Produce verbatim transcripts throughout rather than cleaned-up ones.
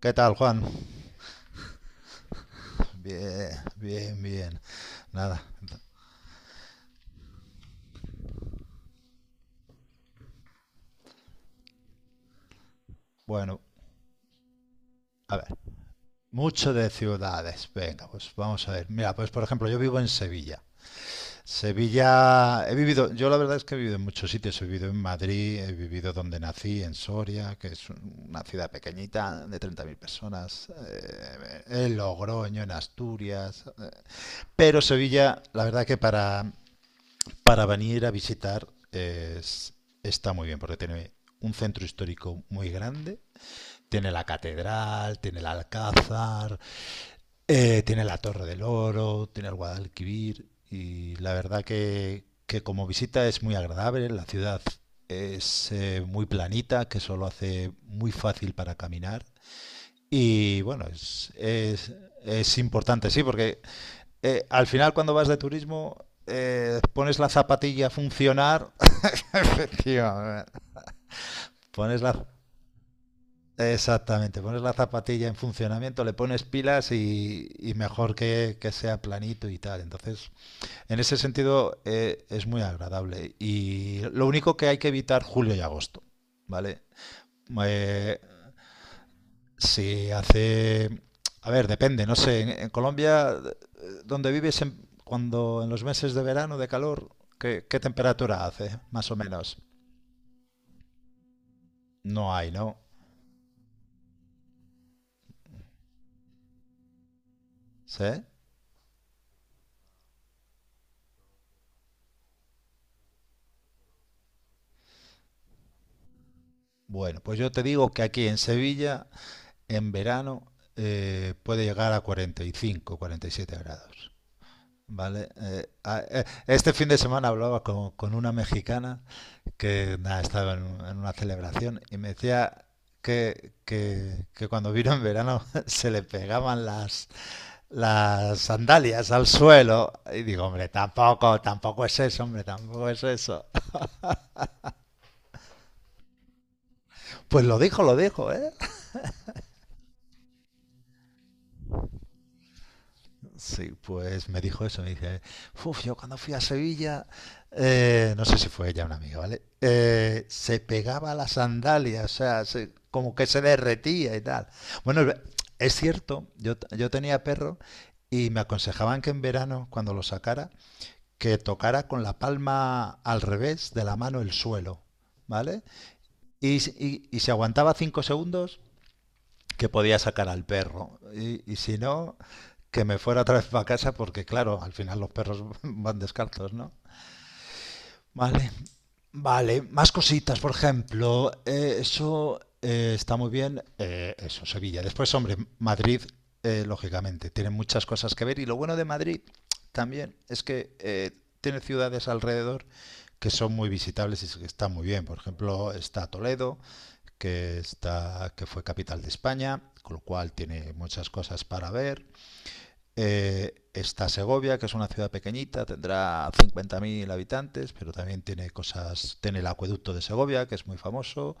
¿Qué tal, Juan? Bien, bien, bien. Nada. Bueno, a ver. Mucho de ciudades. Venga, pues vamos a ver. Mira, pues por ejemplo, yo vivo en Sevilla. Sevilla, he vivido, yo la verdad es que he vivido en muchos sitios. He vivido en Madrid, he vivido donde nací, en Soria, que es una ciudad pequeñita de treinta mil personas. Eh, en Logroño, en Asturias. eh, Pero Sevilla, la verdad que para para venir a visitar es, está muy bien porque tiene un centro histórico muy grande, tiene la catedral, tiene el alcázar, eh, tiene la Torre del Oro, tiene el Guadalquivir y la verdad que, que como visita es muy agradable, la ciudad es eh, muy planita, que eso lo hace muy fácil para caminar y bueno, es, es, es importante, sí, porque eh, al final cuando vas de turismo eh, pones la zapatilla a funcionar. Sí, vamos, pones la, exactamente, pones la zapatilla en funcionamiento, le pones pilas y, y mejor que, que sea planito y tal. Entonces, en ese sentido eh, es muy agradable. Y lo único que hay que evitar julio y agosto, ¿vale? Eh, si hace... A ver, depende, no sé, en, en, Colombia, eh, donde vives en- cuando en los meses de verano, de calor, ¿qué, qué temperatura hace, más o menos? No hay, ¿no? ¿Sí? Bueno, pues yo te digo que aquí en Sevilla, en verano, eh, puede llegar a cuarenta y cinco, cuarenta y siete grados. ¿Vale? Eh, a- eh, este fin de semana hablaba con, con una mexicana que nada, estaba en, en, una celebración y me decía que, que- que cuando vino en verano se le pegaban las, las sandalias al suelo. Y digo, hombre, tampoco, tampoco es eso, hombre, tampoco es eso. Pues lo dijo, lo dijo, ¿eh? Sí, pues me dijo eso, me dije, uff, yo cuando fui a Sevilla, eh, no sé si fue ella una amiga, ¿vale? Eh, se pegaba a las sandalias, o sea, se- como que se derretía y tal. Bueno, es ve- es cierto, yo, t- yo tenía perro y me aconsejaban que en verano, cuando lo sacara, que tocara con la palma al revés de la mano el suelo, ¿vale? Y, si- y, y si aguantaba cinco segundos, que podía sacar al perro. Y, y si no, que me fuera otra vez para casa porque, claro, al final los perros van descartos, ¿no? Vale, vale. Más cositas, por ejemplo, eh, eso eh, está muy bien, eh, eso, Sevilla. Después, hombre, Madrid, eh, lógicamente, tiene muchas cosas que ver y lo bueno de Madrid también es que eh, tiene ciudades alrededor que son muy visitables y que están muy bien. Por ejemplo, está Toledo, que, está, que fue capital de España, con lo cual tiene muchas cosas para ver. Eh, está Segovia, que es una ciudad pequeñita, tendrá cincuenta mil habitantes, pero también tiene cosas, tiene el acueducto de Segovia, que es muy famoso.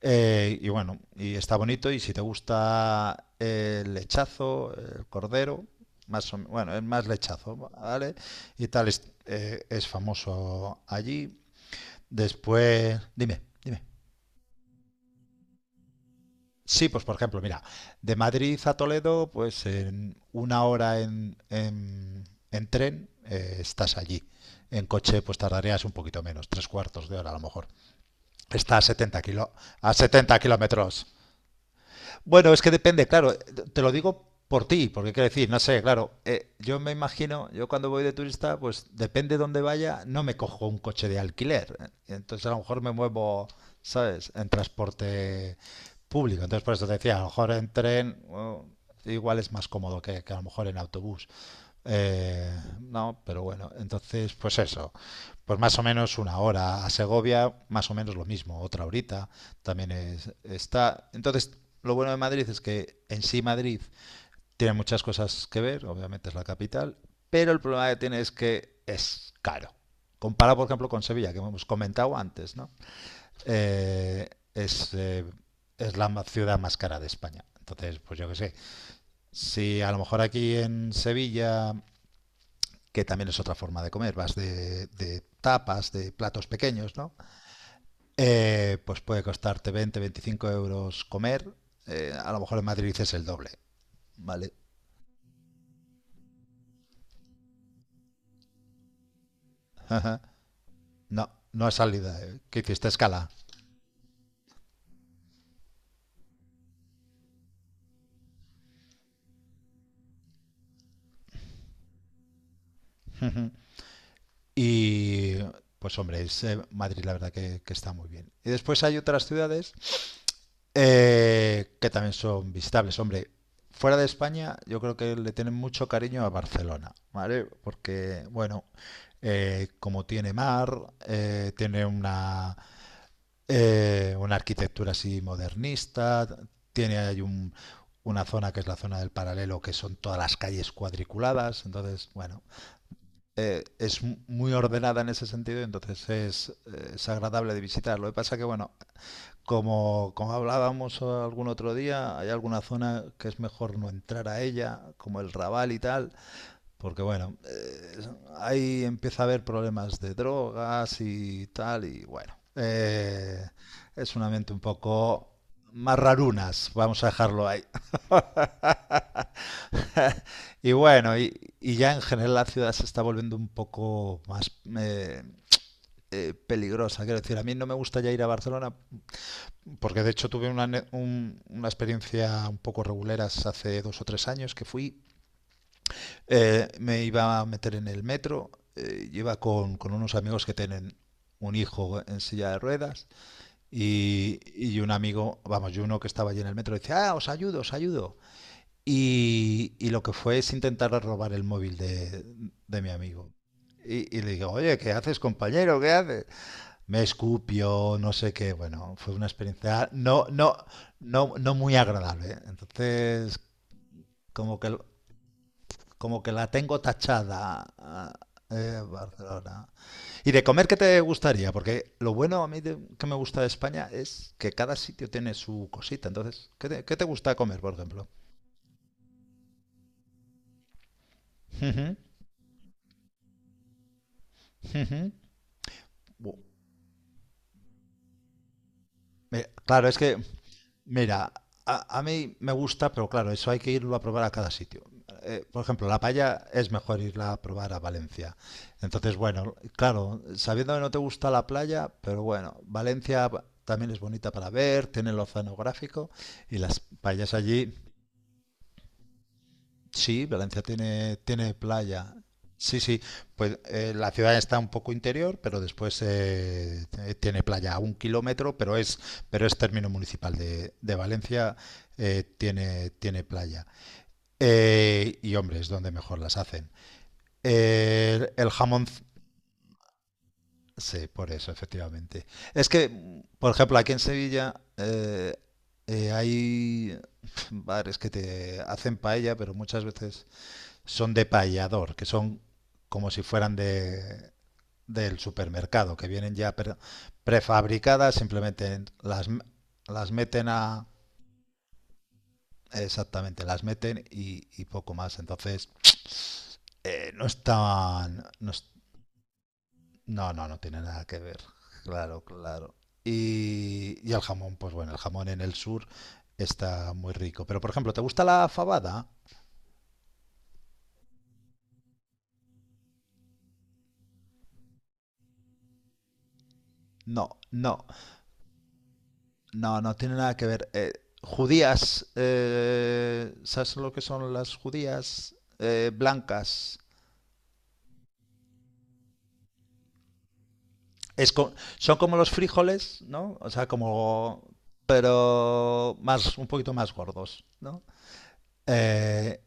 Eh, y bueno, y está bonito. Y si te gusta el lechazo, el cordero, más o- bueno, es más lechazo, ¿vale? Y tal, es, eh, es famoso allí. Después, dime, dime. Sí, pues por ejemplo, mira, de Madrid a Toledo, pues en una hora en, en- en tren eh, estás allí. En coche, pues tardarías un poquito menos, tres cuartos de hora a lo mejor. Está a 70 kilo, a setenta kilómetros. Bueno, es que depende, claro, te lo digo por ti, porque quiero decir, no sé, claro, eh, yo me imagino, yo cuando voy de turista, pues depende de dónde vaya, no me cojo un coche de alquiler, eh, entonces a lo mejor me muevo, ¿sabes?, en transporte público, entonces por eso te decía, a lo mejor en tren, bueno, igual es más cómodo que, que a lo mejor en autobús, eh, no, pero bueno, entonces, pues eso, pues más o menos una hora. A Segovia, más o menos lo mismo, otra horita también es, está. Entonces, lo bueno de Madrid es que en sí Madrid tiene muchas cosas que ver, obviamente es la capital, pero el problema que tiene es que es caro. Comparado, por ejemplo, con Sevilla, que hemos comentado antes, ¿no? Eh, es, eh, es la ciudad más cara de España. Entonces, pues yo qué sé, si a lo mejor aquí en Sevilla que también es otra forma de comer, vas de, de, tapas, de platos pequeños, ¿no? Eh, pues puede costarte veinte, veinticinco euros comer, eh, a lo mejor en Madrid dices el doble, ¿vale? No, no es salida, ¿eh? Que hiciste escala. Y pues hombre, es, eh, Madrid la verdad que, que está muy bien. Y después hay otras ciudades Eh, que también son visitables, hombre. Fuera de España, yo creo que le tienen mucho cariño a Barcelona, ¿vale? Porque, bueno, eh, como tiene mar, eh, tiene una, eh, una arquitectura así modernista, tiene ahí un- una zona que es la zona del paralelo, que son todas las calles cuadriculadas, entonces, bueno, eh, es mu- muy ordenada en ese sentido, entonces es, eh, es agradable de visitar. Lo que pasa que, bueno, como, como hablábamos algún otro día, hay alguna zona que es mejor no entrar a ella, como el Raval y tal, porque bueno, eh, ahí empieza a haber problemas de drogas y tal, y bueno, eh, es un ambiente un poco más rarunas, vamos a dejarlo ahí. Y bueno, y, y ya en general la ciudad se está volviendo un poco más eh, eh, peligrosa. Quiero decir, a mí no me gusta ya ir a Barcelona, porque de hecho tuve una, ne- un- una experiencia un poco reguleras hace dos o tres años que fui. Eh, me iba a meter en el metro, eh, y iba con, con unos amigos que tienen un hijo en silla de ruedas y, y un amigo, vamos, y uno que estaba allí en el metro decía, ah, os ayudo, os ayudo. Y, y lo que fue es intentar robar el móvil de, de, mi amigo. Y, y le digo, oye, ¿qué haces, compañero? ¿Qué haces? Me escupió, no sé qué. Bueno, fue una experiencia no, no, no, no muy agradable. Entonces, como que, como que la tengo tachada. ah, eh, Barcelona. ¿Y de comer qué te gustaría? Porque lo bueno a mí de- que me gusta de España es que cada sitio tiene su cosita. Entonces, ¿qué te, qué te gusta comer, por ejemplo? Ujú, ujú. Me- Claro, es que, mira, a, a mí me gusta, pero claro, eso hay que irlo a probar a cada sitio. Eh, por ejemplo, la paella es mejor irla a probar a Valencia. Entonces, bueno, claro, sabiendo que no te gusta la playa, pero bueno, Valencia también es bonita para ver, tiene el oceanográfico y las paellas allí. Sí, Valencia tiene, tiene playa. Sí, sí, pues eh, la ciudad está un poco interior, pero después eh, t- tiene playa a un kilómetro, pero es, pero es término municipal de, de, Valencia, eh, tiene, tiene playa. Eh, y hombre, es donde mejor las hacen. Eh, el jamón, c- sí, por eso, efectivamente. Es que, mm, por ejemplo, aquí en Sevilla eh, eh, hay bares que te hacen paella, pero muchas veces son de payador, que son como si fueran de, del supermercado, que vienen ya pre- prefabricadas, simplemente las, las meten a... Exactamente, las meten y, y poco más. Entonces, eh, no están. No, no, no, no tiene nada que ver. Claro, claro. Y, y el jamón, pues bueno, el jamón en el sur está muy rico. Pero, por ejemplo, ¿te gusta la fabada? No, no. No, no tiene nada que ver. Eh, judías, eh, ¿sabes lo que son las judías? Eh, blancas. Es co- Son como los frijoles, ¿no? O sea, como... pero más, un poquito más gordos, ¿no? Eh,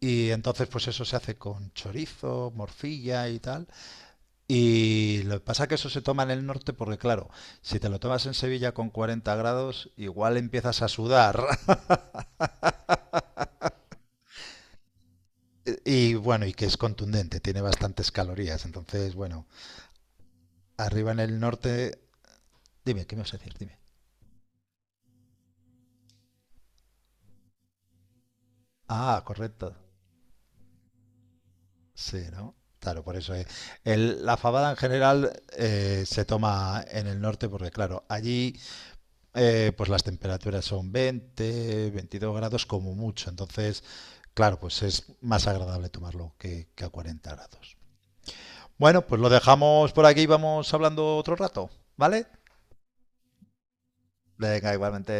y entonces, pues eso se hace con chorizo, morcilla y tal. Y lo que pasa es que eso se toma en el norte porque, claro, si te lo tomas en Sevilla con cuarenta grados, igual empiezas a sudar. Y bueno, y que es contundente, tiene bastantes calorías. Entonces, bueno, arriba en el norte. Dime, ¿qué me vas a decir? Dime. Ah, correcto. Sí, ¿no? Claro, por eso. eh. El- la fabada en general eh, se toma en el norte porque, claro, allí eh, pues las temperaturas son veinte veintidós grados como mucho. Entonces, claro, pues es más agradable tomarlo que, que a cuarenta grados. Bueno, pues lo dejamos por aquí y vamos hablando otro rato, ¿vale? Venga, igualmente.